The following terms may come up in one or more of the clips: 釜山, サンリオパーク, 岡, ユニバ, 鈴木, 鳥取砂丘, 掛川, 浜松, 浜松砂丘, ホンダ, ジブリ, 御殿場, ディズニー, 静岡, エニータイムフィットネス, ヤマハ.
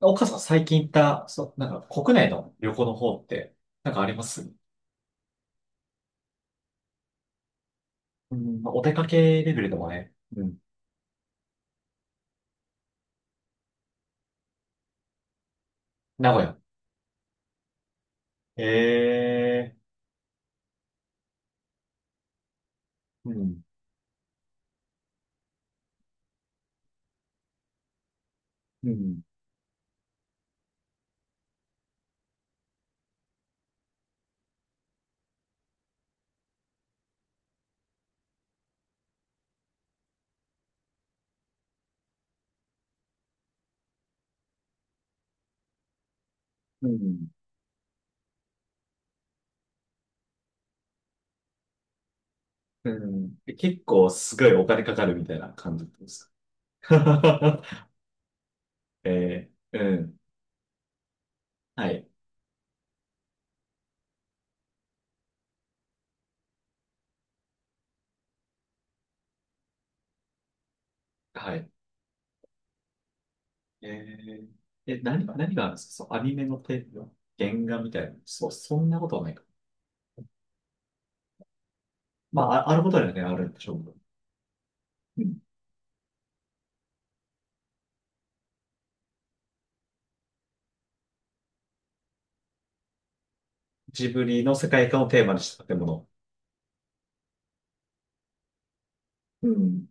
岡さん最近行った、そう、なんか国内の旅行の方って、なんかあります？うん、まあお出かけレベルでもね。うん。名古屋。ええ、ーうん、うん、うん、うん。え、結構すごいお金かかるみたいな感じです。ええ、うん。はい、はい。え、ええ、何、何があるんですか？そう、アニメのテーマ、原画みたいな。そう、そんなことはないか。まあ、あ、あることにはね、あるんでしょうけど。うん。ジブリの世界観をテーマにした建物。うん。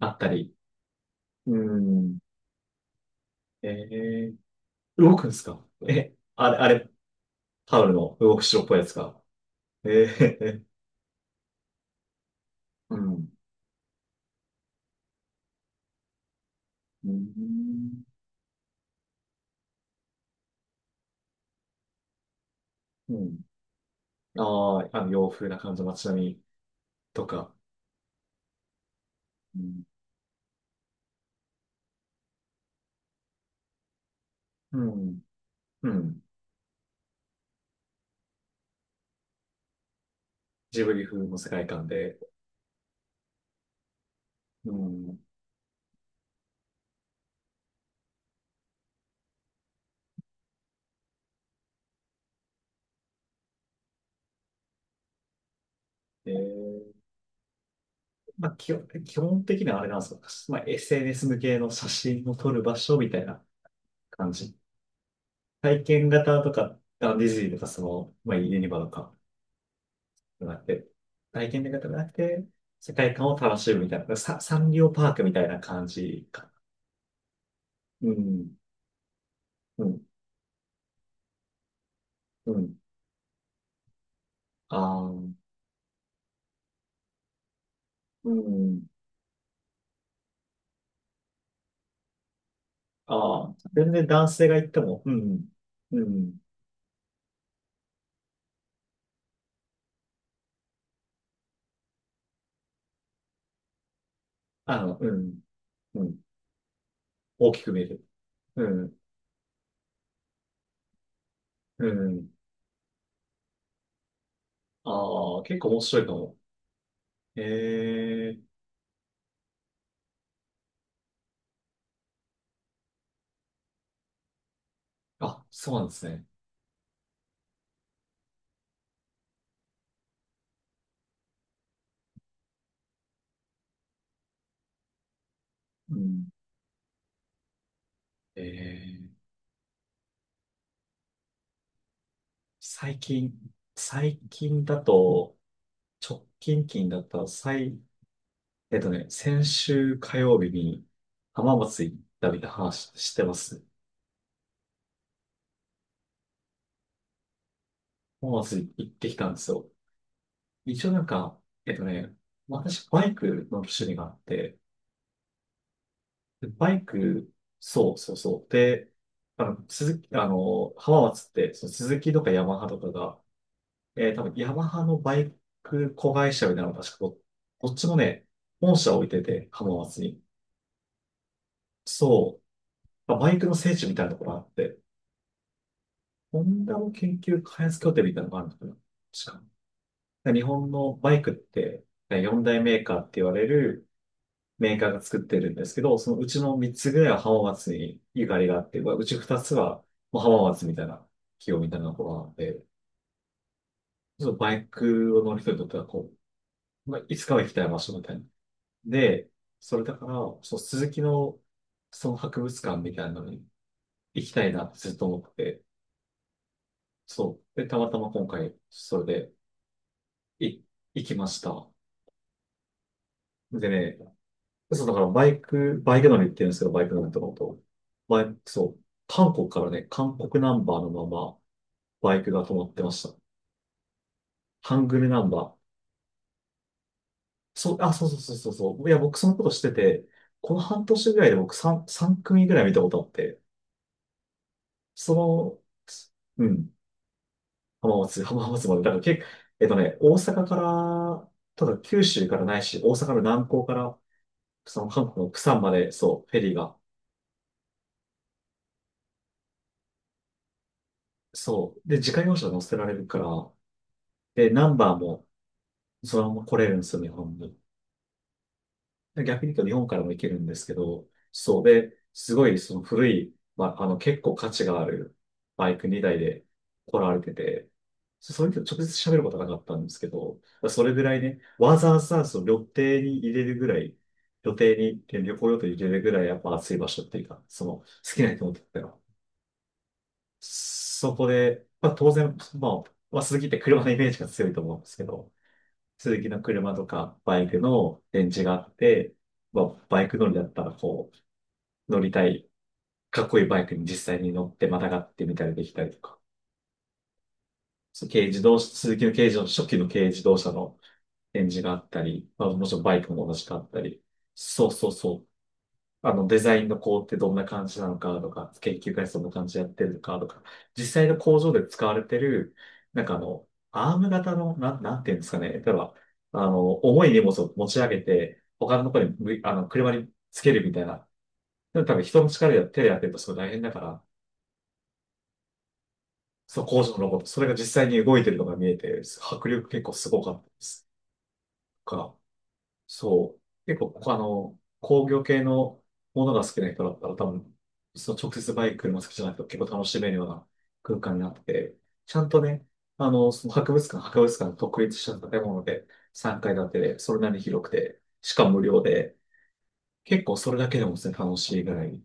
あったり。うん。ええ、動くんですか？え、あれ、あれ、タオルの動く白っぽいやつが。ええ、うん。うん。うん。ああ、あの洋風な感じの街並みとか、うん。うん。うん、ジブリ風の世界観で、うん。ええ、まあ、基本、基本的にはあれなんですよ。まあ、SNS 向けの写真を撮る場所みたいな感じ。体験型とか、あのディズニーとか、その、まあ、ユニバとか、なって、体験型方ゃなくて、世界観を楽しむみたいな、サンリオパークみたいな感じか。うん、うん、うん。ああ、うん。ああ、全然男性が行っても、うん、うん、あの、うん、うん、大きく見える。うん、うん。ああ、結構面白いかも。ええ、あ、そうなんですね。うん。ええ、最近、最近だと、直近近だったら、最、先週火曜日に浜松行ったみたいな話してます。浜松行ってきたんですよ。一応なんか、えっとね、私バイクの趣味があって、でバイク、そうそうそう。で、あの、鈴木、あの、浜松って、その鈴木とかヤマハとかが、多分ヤマハのバイク子会社みたいなのが確かど、どっちもね、本社置いてて、浜松に。そう。まあバイクの聖地みたいなところがあって、ホンダの研究開発拠点みたいなのがあるのかな、確か。日本のバイクって、4大メーカーって言われるメーカーが作ってるんですけど、そのうちの3つぐらいは浜松にゆかりがあって、うち2つはもう浜松みたいな企業みたいなところなので、ちょっとバイクを乗る人にとってはこう、まあ、いつかは行きたい場所みたいな。で、それだから、そう、鈴木のその博物館みたいなのに行きたいなってずっと思ってて、そう。で、たまたま今回、それで、い、行きました。でね、そう、だからバイク、バイク乗りって言うんですけど、バイク乗りとかのこと。バイク、そう、韓国からね、韓国ナンバーのまま、バイクが止まってました。ハングルナンバー。そう、あ、そうそうそうそうそう。いや、僕そのことしてて、この半年ぐらいで僕3、3組ぐらい見たことあって、その、うん、浜松、浜松まで、だから結構、大阪から、ただ九州からないし、大阪の南港から、その韓国の釜山まで、そう、フェリーが、そう。で、自家用車乗せられるから、で、ナンバーもそのまま来れるんですよ、日本に。で逆に言うと日本からも行けるんですけど、そう。で、すごいその古い、まあ、あの結構価値があるバイク2台で来られてて、そ、それと直接喋ることはなかったんですけど、それぐらいね、わざわざその旅程に入れるぐらい、予定に、旅行予定に入れるぐらいやっぱ暑い場所っていうか、その好きな人にとってはそこで、まあ当然、まあ、まあ鈴木って車のイメージが強いと思うんですけど、鈴木の車とかバイクの電池があって、まあバイク乗りだったらこう、乗りたい、かっこいいバイクに実際に乗ってまたがってみたりできたりとか、そう軽自動車、鈴木の軽自動車、初期の軽自動車の電池があったり、まあもちろんバイクも同じかあったり、そうそうそう、あの、デザインの工程どんな感じなのかとか、研究開発どんな感じでやってるのかとか、実際の工場で使われてる、なんかあの、アーム型の、なん、なんていうんですかね。例えば、あの、重い荷物を持ち上げて、他のところにむ、あの、車につけるみたいな。でも多分人の力や手でやってるとすごい大変だから、その工場のロボット、それが実際に動いてるのが見えて、迫力結構すごかったです。から、そう。結構、あの、工業系のものが好きな人だったら多分、その直接バイク、車好きじゃなくても結構楽しめるような空間になってて、ちゃんとね、あの、その博物館、博物館の独立した建物で3階建てで、それなりに広くて、しかも無料で、結構それだけでもですね、楽しいぐらい。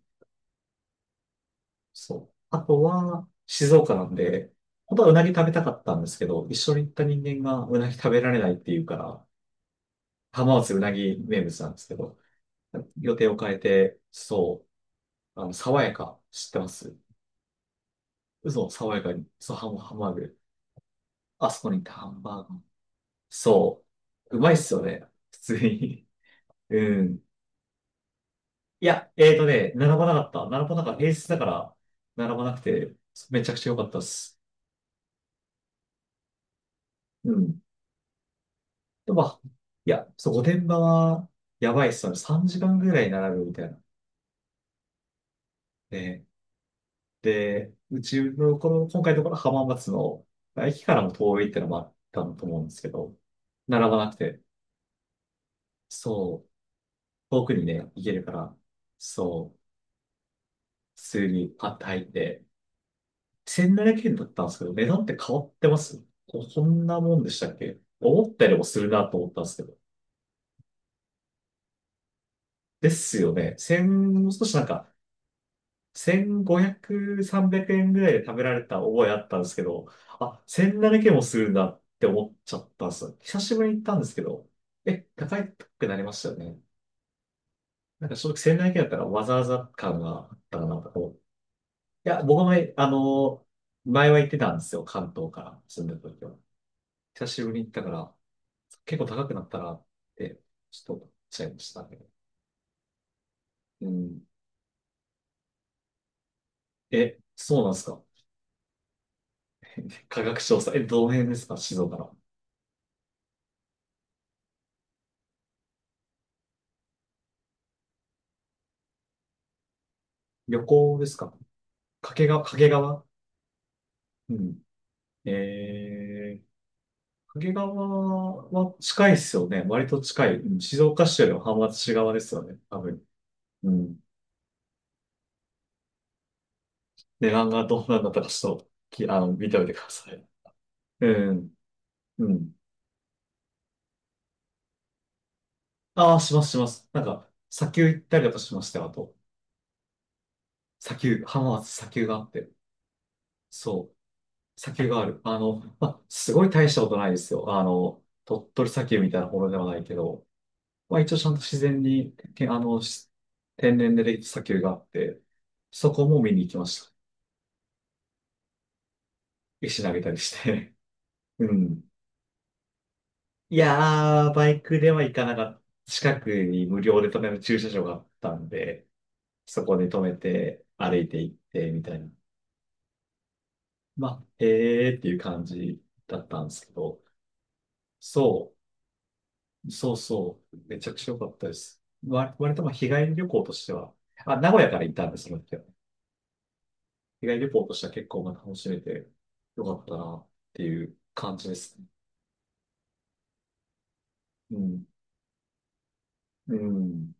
そう。あとは、静岡なんで、本当はうなぎ食べたかったんですけど、一緒に行った人間がうなぎ食べられないっていうから、浜松うなぎ名物なんですけど、予定を変えて、そう、あの、爽やか、知ってます？嘘、爽やかに、そう、ハンバーグ。あそこに行ったハンバーグ。そう、うまいっすよね、普通に。うん。いや、並ばなかった。並ばなかった。平日だから、並ばなくて、めちゃくちゃ良かったっす。うん。で、まあ、いや、そう、御殿場は、やばいっすよね。3時間ぐらい並ぶみたいな。ね、で、うちの、この、今回のところ浜松の、駅からも遠いってのもあったと思うんですけど、並ばなくて、そう、遠くにね、行けるから、そう、普通にパッと入って、1700円だったんですけど、値段って変わってます？こ、こんなもんでしたっけ？思ったよりもするなと思ったんですけど。ですよね。1もう少しなんか、1500、3円ぐらいで食べられた覚えあったんですけど、あ、1700円もするんだって思っちゃったんですよ。久しぶりに行ったんですけど、え、高くなりましたよね。なんか正直1700円だったらわざわざ感があったかなと思って、いや、僕も、あの、前は行ってたんですよ。関東から住んでた時は。久しぶりに行ったから、結構高くなったなって、ちょっと思っちゃいましたね。うん。え、そうなんですか？価格調査。え、どの辺ですか、静岡の。旅行ですか？掛川、掛川、うん。えー、掛川は近いですよね。割と近い。うん、静岡市よりも浜松市側ですよね。多分。うん。値段がどうなんだったかちょっと、き、あの、見ておいてください。うん。うん。ああ、しますします。なんか、砂丘行ったりだとしましたよ、あと。砂丘、浜松砂丘があって。そう、砂丘がある。あの、まあ、すごい大したことないですよ。あの、鳥取砂丘みたいなものではないけど、まあ一応ちゃんと自然に、け、あの、し、天然でできた砂丘があって、そこも見に行きました。石投げたりして。うん。いやー、バイクでは行かなかった。近くに無料で止める駐車場があったんで、そこで止めて、歩いて行って、みたいな。まあ、えーっていう感じだったんですけど、そう、そうそう、めちゃくちゃ良かったです。わ、割とまあ日帰り旅行としては、あ、名古屋から行ったんです、その時は。日帰り旅行としては結構まあ楽しめて良かったなっていう感じですね。うん。うん。